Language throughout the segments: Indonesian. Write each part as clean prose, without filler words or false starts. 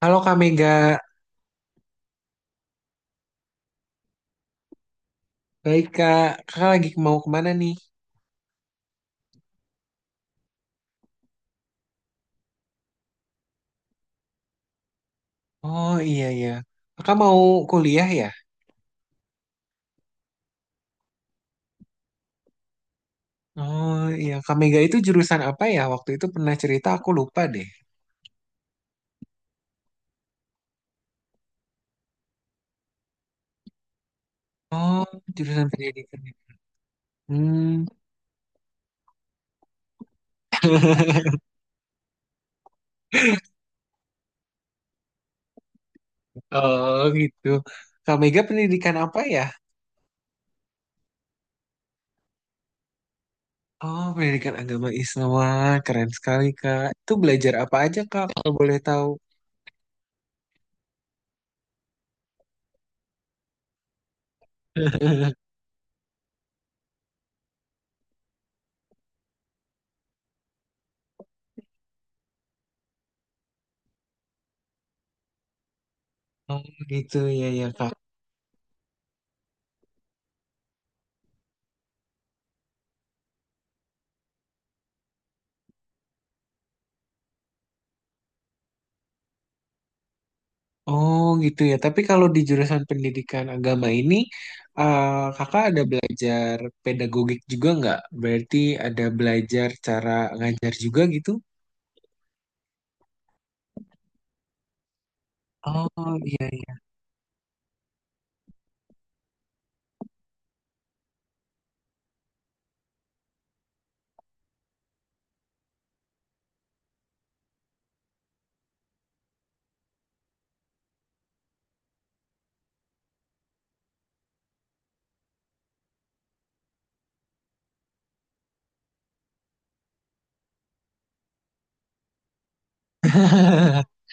Halo Kak Mega, baik Kak. Kakak lagi mau kemana nih? Oh iya iya. Kakak mau kuliah ya? Oh iya, Kak Mega itu jurusan apa ya? Waktu itu pernah cerita aku lupa deh. Oh, jurusan pendidikan. Hmm, oh gitu. Kak Mega pendidikan apa ya? Oh, pendidikan agama Islam. Wah, keren sekali Kak. Itu belajar apa aja Kak, kalau boleh tahu? Oh gitu ya ya Kak. Oh gitu ya. Tapi kalau di jurusan pendidikan agama ini, eh, kakak ada belajar pedagogik juga nggak? Berarti ada belajar cara ngajar juga gitu? Oh iya iya.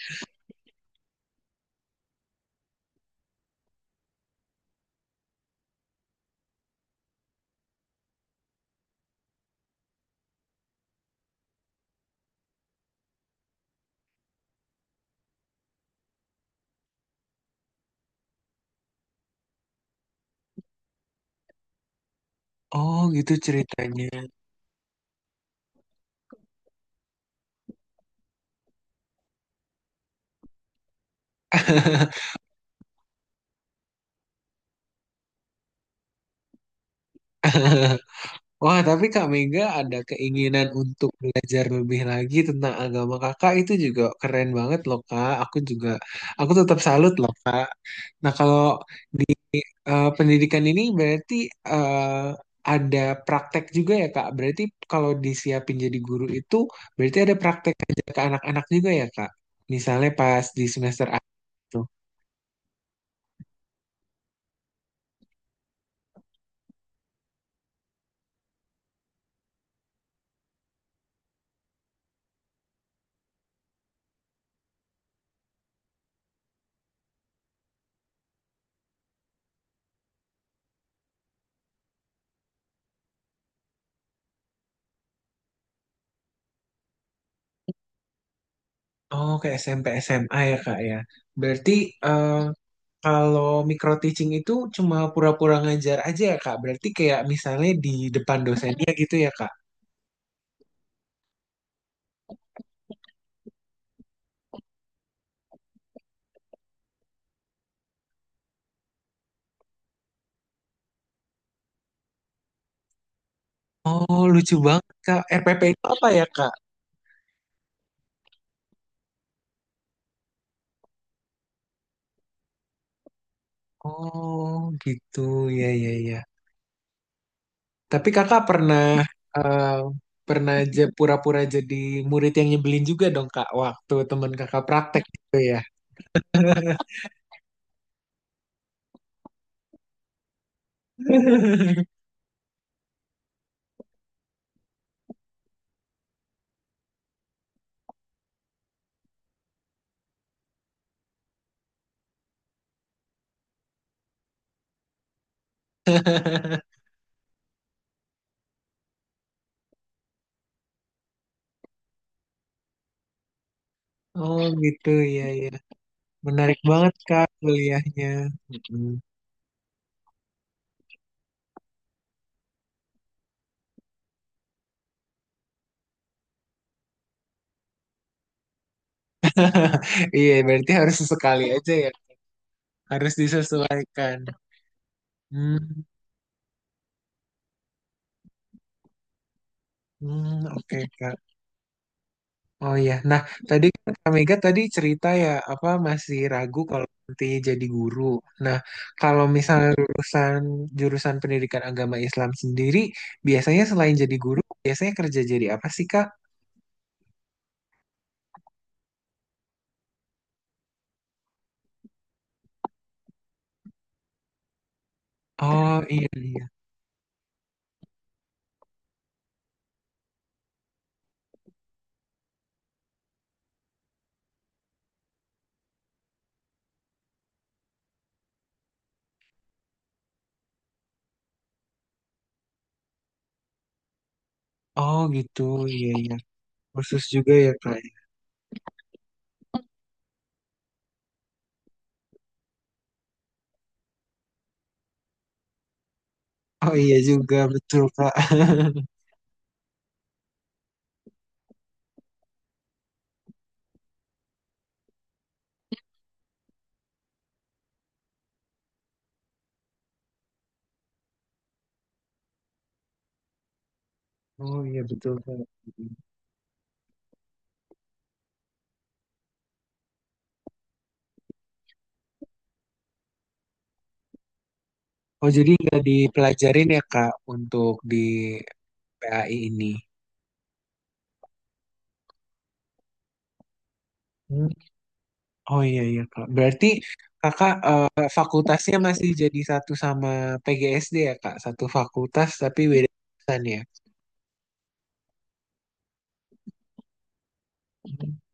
Oh gitu ceritanya. Wah tapi Kak Mega ada keinginan untuk belajar lebih lagi tentang agama kakak itu juga keren banget loh Kak. Aku juga, aku tetap salut loh Kak. Nah kalau eh, pendidikan ini berarti eh, ada praktek juga ya Kak. Berarti kalau disiapin jadi guru itu berarti ada praktek kerja ke anak-anak juga ya Kak. Misalnya pas di semester A itu. Oh, ke SMP SMA ya Kak ya. Berarti eh, kalau micro teaching itu cuma pura-pura ngajar aja ya Kak. Berarti kayak misalnya di depan dosennya gitu ya Kak. Oh, lucu banget Kak. RPP itu apa ya Kak? Oh, gitu. Ya ya ya. Tapi kakak pernah eh, pernah aja pura-pura jadi murid yang nyebelin juga dong kak waktu teman kakak praktek gitu ya. Oh gitu ya ya. Menarik banget kak kuliahnya. Mm-mm. Iya berarti harus sesekali aja ya. Harus disesuaikan. Hmm, hmm, oke kak. Oh iya, nah tadi kan Kak Mega tadi cerita ya apa masih ragu kalau nanti jadi guru. Nah kalau misalnya lulusan jurusan pendidikan agama Islam sendiri, biasanya selain jadi guru, biasanya kerja jadi apa sih Kak? Oh iya iya, oh gitu iya iya, khusus juga ya Kak. Oh iya juga betul Kak. Oh iya betul Kak. Oh jadi nggak dipelajarin ya Kak untuk di PAI ini? Oh iya iya Kak. Berarti Kakak fakultasnya masih jadi satu sama PGSD ya Kak. Satu fakultas tapi beda jurusan ya.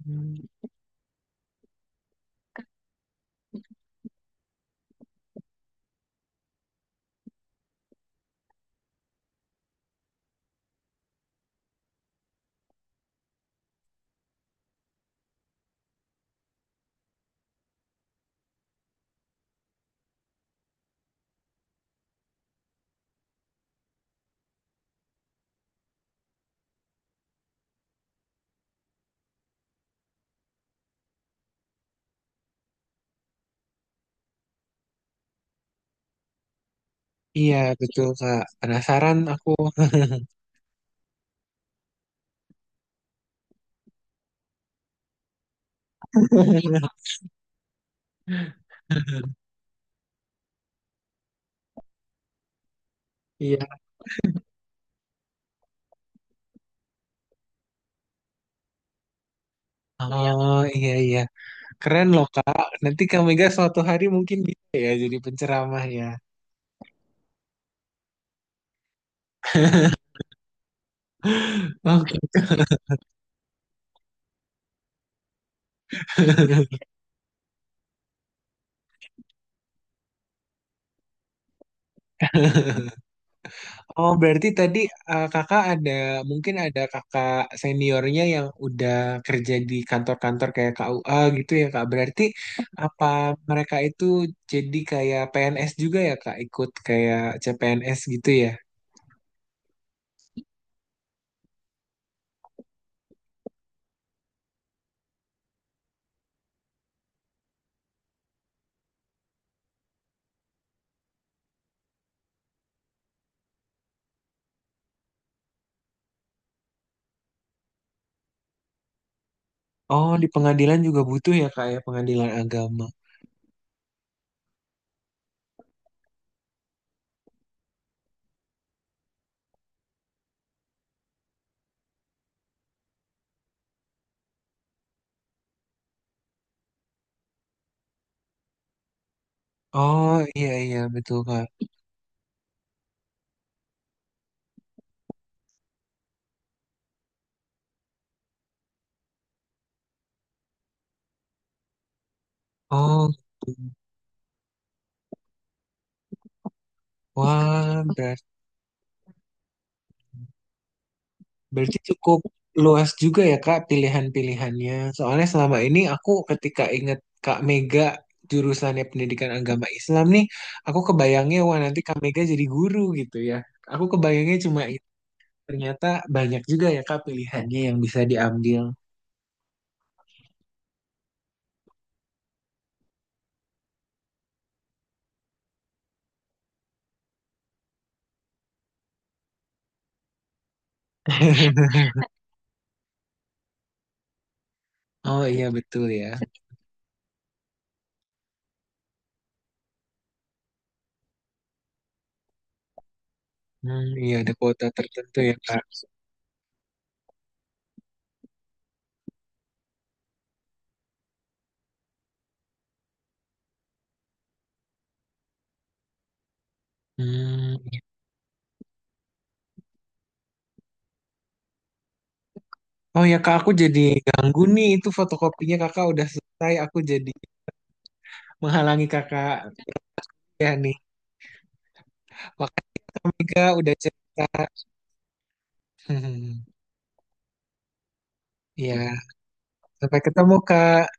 Hmm, iya betul Kak. Penasaran aku. Iya. Oh iya iya. Keren loh Kak. Nanti Kak Mega suatu hari mungkin bisa ya jadi penceramah ya. Oke. Oh, berarti tadi kakak ada, mungkin ada kakak seniornya yang udah kerja di kantor-kantor kayak KUA gitu ya, Kak. Berarti apa mereka itu jadi kayak PNS juga ya, Kak? Ikut kayak CPNS gitu ya? Oh, di pengadilan juga butuh ya, Kak, ya, pengadilan agama. Oh, iya, iya, betul, Kak. Oh, wah, berarti cukup luas juga ya Kak pilihan-pilihannya. Soalnya selama ini aku ketika ingat Kak Mega jurusannya pendidikan agama Islam nih, aku kebayangnya wah nanti Kak Mega jadi guru gitu ya. Aku kebayangnya cuma itu. Ternyata banyak juga ya Kak pilihannya yang bisa diambil. Oh iya betul ya. Hmm, iya ada kuota tertentu ya Kak. Hmm. Oh ya Kak, aku jadi ganggu nih. Itu fotokopinya Kakak udah selesai. Aku jadi menghalangi Kakak ya nih. Omega udah cerita. ya sampai ketemu Kak.